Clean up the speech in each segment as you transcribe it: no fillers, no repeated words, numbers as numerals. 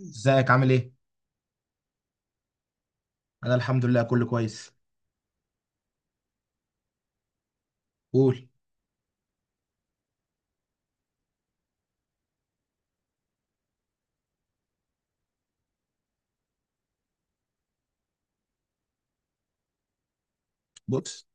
ازيك، عامل ايه؟ انا الحمد لله كله كويس. قول. بص،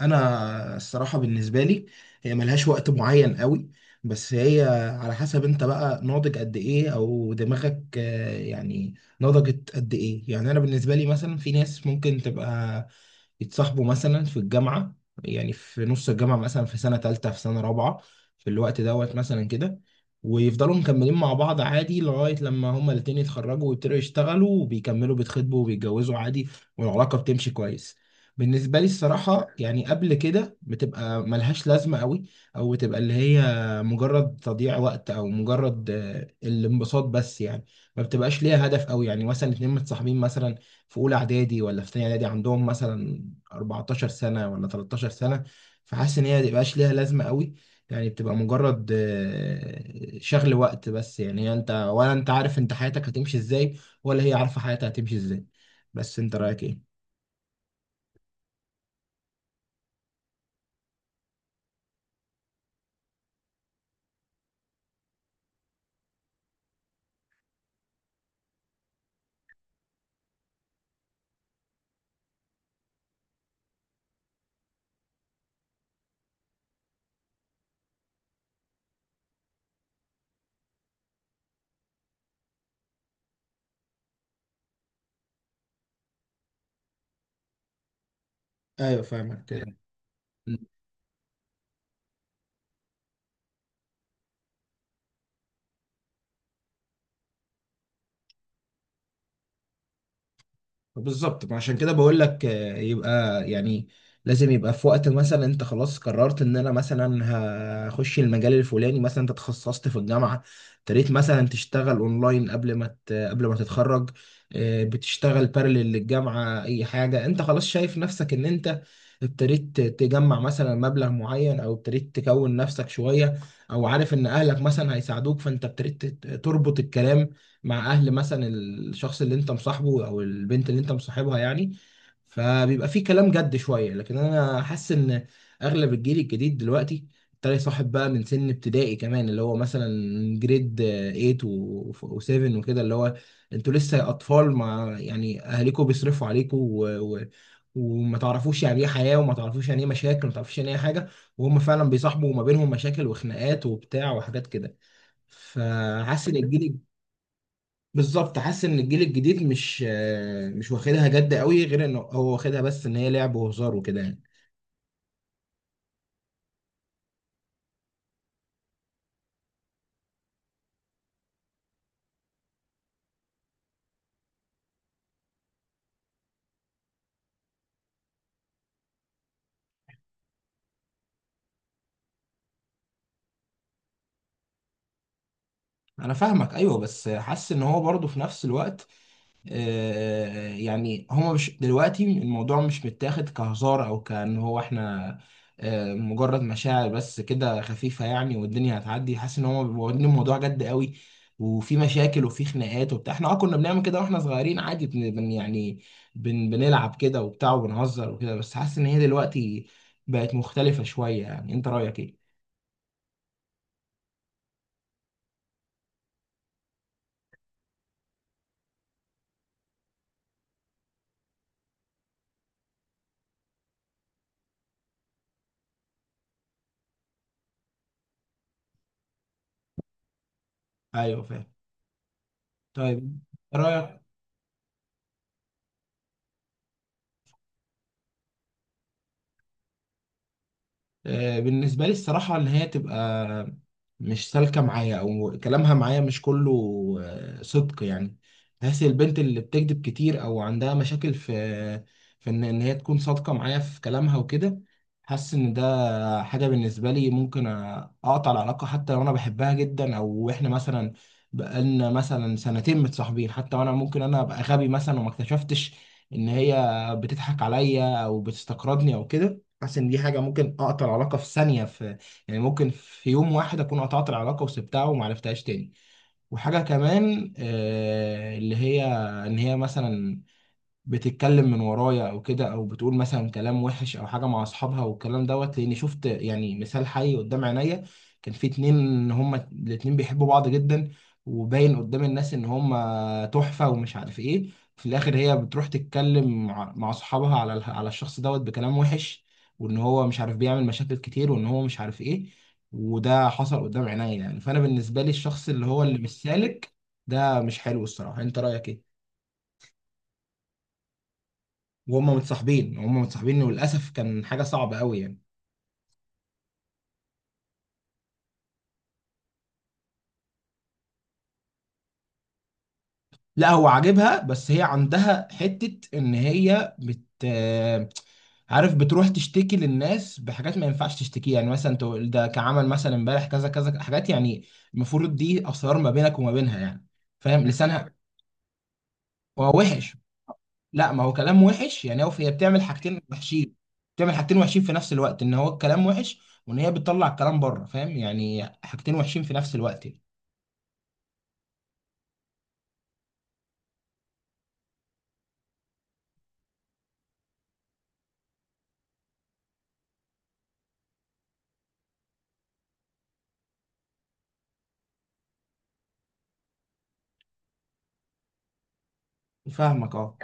انا الصراحه بالنسبه لي هي ملهاش وقت معين قوي، بس هي على حسب انت بقى ناضج قد ايه او دماغك يعني نضجت قد ايه. يعني انا بالنسبه لي مثلا في ناس ممكن تبقى يتصاحبوا مثلا في الجامعة، يعني في نص الجامعة مثلا في سنة تالتة في سنة رابعة، في الوقت دوت مثلا كده، ويفضلوا مكملين مع بعض عادي لغاية لما هما الاتنين يتخرجوا ويبتدوا يشتغلوا وبيكملوا بيتخطبوا وبيتجوزوا عادي، والعلاقة بتمشي كويس. بالنسبة لي الصراحة يعني قبل كده بتبقى ملهاش لازمة قوي، أو بتبقى اللي هي مجرد تضييع وقت أو مجرد الانبساط بس يعني، ما بتبقاش ليها هدف قوي. يعني مثلا اتنين متصاحبين مثلا في أولى إعدادي ولا في تانية إعدادي، عندهم مثلا 14 سنة ولا 13 سنة، فحاسس ان هي مبقاش ليها لازمة قوي، يعني بتبقى مجرد شغل وقت بس. يعني انت ولا انت عارف انت حياتك هتمشي ازاي، ولا هي عارفة حياتها هتمشي ازاي. بس انت رأيك ايه؟ ايوه، فاهمك. بالظبط، عشان كده بقول لك يبقى يعني لازم يبقى في وقت مثلا انت خلاص قررت ان انا مثلا هخش المجال الفلاني، مثلا انت تخصصت في الجامعه، ابتديت مثلا تشتغل اونلاين قبل ما تتخرج، بتشتغل بارلل للجامعه، اي حاجه انت خلاص شايف نفسك ان انت ابتديت تجمع مثلا مبلغ معين او ابتديت تكون نفسك شويه، او عارف ان اهلك مثلا هيساعدوك، فانت ابتديت تربط الكلام مع اهل مثلا الشخص اللي انت مصاحبه او البنت اللي انت مصاحبها يعني، فبيبقى في كلام جد شويه. لكن انا حاسس ان اغلب الجيل الجديد دلوقتي ابتدى يصاحب بقى من سن ابتدائي كمان، اللي هو مثلا جريد 8 و7 وكده، اللي هو انتوا لسه اطفال مع يعني اهاليكم بيصرفوا عليكم، وما تعرفوش يعني ايه حياه، وما تعرفوش يعني ايه مشاكل، وما تعرفوش يعني ايه حاجه، وهم فعلا بيصاحبوا ما بينهم مشاكل وخناقات وبتاع وحاجات كده. فحاسس ان الجيل، بالظبط، حاسس ان الجيل الجديد مش واخدها جد قوي، غير انه هو واخدها بس ان هي لعب وهزار وكده يعني. انا فاهمك، ايوه، بس حاسس ان هو برضه في نفس الوقت، يعني هما مش دلوقتي الموضوع مش متاخد كهزار او كأن هو احنا مجرد مشاعر بس كده خفيفة يعني والدنيا هتعدي. حاسس ان هما بيبقوا واخدين الموضوع جد قوي، وفي مشاكل وفي خناقات وبتاع، احنا كنا بنعمل كده واحنا صغيرين عادي، يعني بنلعب كده وبتاع وبنهزر وكده، بس حاسس ان هي دلوقتي بقت مختلفة شوية. يعني انت رأيك ايه؟ ايوه، فاهم. طيب، رأيك، بالنسبة لي الصراحة إن هي تبقى مش سالكة معايا، أو كلامها معايا مش كله صدق يعني. بحس البنت اللي بتكذب كتير أو عندها مشاكل في إن هي تكون صادقة معايا في كلامها وكده، حاسس إن ده حاجة بالنسبة لي ممكن أقطع العلاقة، حتى لو أنا بحبها جدا، أو إحنا مثلا بقالنا مثلا سنتين متصاحبين حتى، وأنا ممكن أنا أبقى غبي مثلا وما اكتشفتش إن هي بتضحك عليا أو بتستقرضني أو كده. حاسس ان دي حاجه ممكن اقطع العلاقه في ثانيه، في يعني ممكن في يوم واحد اكون قطعت العلاقه وسبتها وما عرفتهاش تاني. وحاجه كمان اللي هي، ان هي مثلا بتتكلم من ورايا او كده، او بتقول مثلا كلام وحش او حاجه مع اصحابها، والكلام دوت، لاني شفت يعني مثال حي قدام عينيا. كان في اتنين هما الاتنين بيحبوا بعض جدا، وباين قدام الناس ان هما تحفه ومش عارف ايه، في الاخر هي بتروح تتكلم مع اصحابها على الشخص دوت بكلام وحش، وان هو مش عارف بيعمل مشاكل كتير، وان هو مش عارف ايه. وده حصل قدام عينيا يعني، فانا بالنسبه لي الشخص اللي هو اللي مش سالك ده مش حلو الصراحه. انت رايك ايه؟ وهم متصاحبين هم متصاحبين وللاسف، كان حاجه صعبه قوي يعني. لا، هو عاجبها، بس هي عندها حته ان هي بت، عارف، بتروح تشتكي للناس بحاجات ما ينفعش تشتكيها، يعني مثلا تقول ده كعمل مثلا امبارح كذا كذا حاجات يعني، المفروض دي اسرار ما بينك وما بينها يعني. فاهم لسانها هو وحش. لا، ما هو كلام وحش يعني، هي بتعمل حاجتين وحشين في نفس الوقت، ان هو الكلام وحش، وان هي بتطلع الكلام بره، فاهم؟ يعني حاجتين وحشين في نفس الوقت يعني. فاهمك،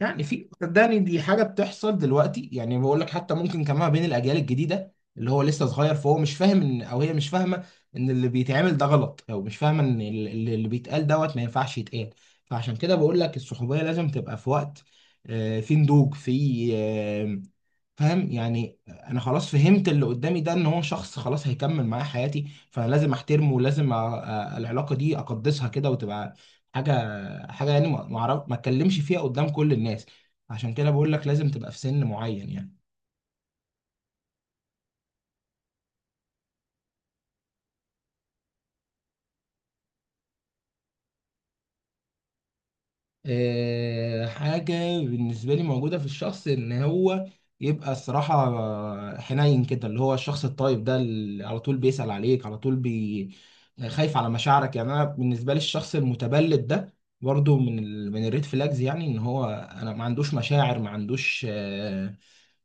يعني في، صدقني دي حاجة بتحصل دلوقتي، يعني بقول لك حتى ممكن كمان بين الأجيال الجديدة اللي هو لسه صغير، فهو مش فاهم إن، أو هي مش فاهمة إن اللي بيتعمل ده غلط، أو مش فاهمة إن اللي بيتقال دوت ما ينفعش يتقال. فعشان كده بقول لك الصحوبية لازم تبقى في وقت، في نضوج، في، فاهم يعني، انا خلاص فهمت اللي قدامي ده ان هو شخص خلاص هيكمل معايا حياتي، فانا لازم احترمه، ولازم العلاقه دي اقدسها كده وتبقى حاجه حاجه يعني ما اعرف ما اتكلمش فيها قدام كل الناس. عشان كده بقول لك لازم تبقى في سن معين يعني. حاجة بالنسبة لي موجودة في الشخص إن هو يبقى الصراحة حنين كده، اللي هو الشخص الطيب ده، اللي على طول بيسأل عليك، على طول بي خايف على مشاعرك. يعني أنا بالنسبة لي الشخص المتبلد ده برضو من الريد فلاجز، يعني إن هو أنا ما عندوش مشاعر،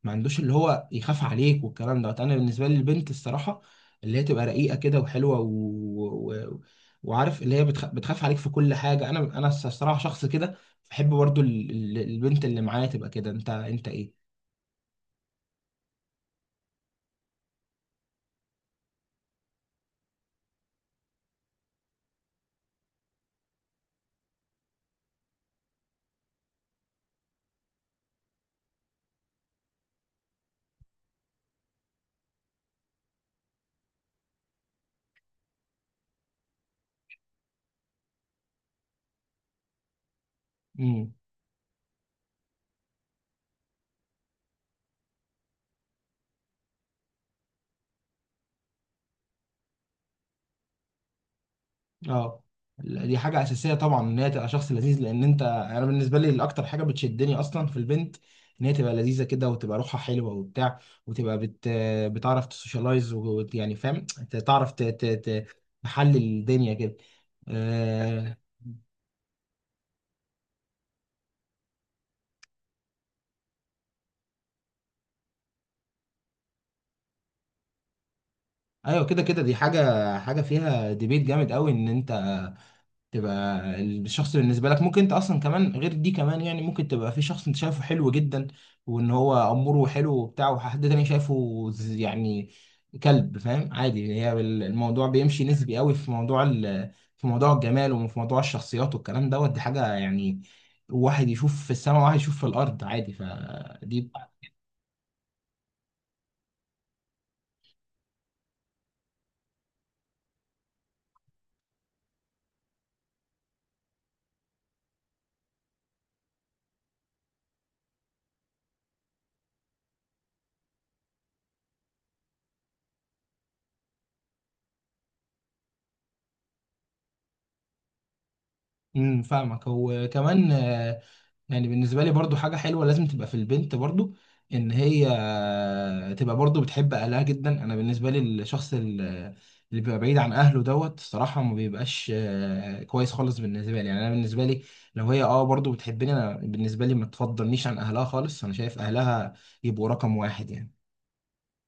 ما عندوش اللي هو يخاف عليك والكلام ده. انا بالنسبه لي البنت الصراحه اللي هي تبقى رقيقه كده وحلوه و... وعارف اللي هي بتخاف عليك في كل حاجه. انا الصراحه شخص كده بحب برضو البنت اللي معايا تبقى كده، انت. ايه، اه، لا، دي حاجة أساسية طبعا إن هي تبقى شخص لذيذ، لأن أنت، أنا بالنسبة لي الأكتر حاجة بتشدني أصلا في البنت إن هي تبقى لذيذة كده، وتبقى روحها حلوة وبتاع، وتبقى بتعرف تسوشيالايز ويعني فاهم، تعرف تحلل الدنيا كده. آه... أيوه، كده كده دي حاجة، حاجة فيها ديبيت جامد قوي إن أنت تبقى الشخص بالنسبة لك، ممكن انت اصلا كمان غير دي كمان، يعني ممكن تبقى في شخص انت شايفه حلو جدا وان هو اموره حلو وبتاع، وحد تاني شايفه يعني كلب، فاهم؟ عادي، هي الموضوع بيمشي نسبي قوي في موضوع ال... في موضوع الجمال، وفي موضوع الشخصيات والكلام دوت، دي حاجة يعني واحد يشوف في السماء وواحد يشوف في الارض عادي، فدي. فاهمك. وكمان، يعني بالنسبة لي برضو حاجة حلوة لازم تبقى في البنت برضو، ان هي تبقى برضو بتحب اهلها جدا. انا بالنسبة لي الشخص اللي بيبقى بعيد عن اهله دوت الصراحة ما بيبقاش كويس خالص بالنسبة لي يعني. انا بالنسبة لي لو هي برضو بتحبني، انا بالنسبة لي ما تفضلنيش عن اهلها خالص، انا شايف اهلها يبقوا رقم واحد يعني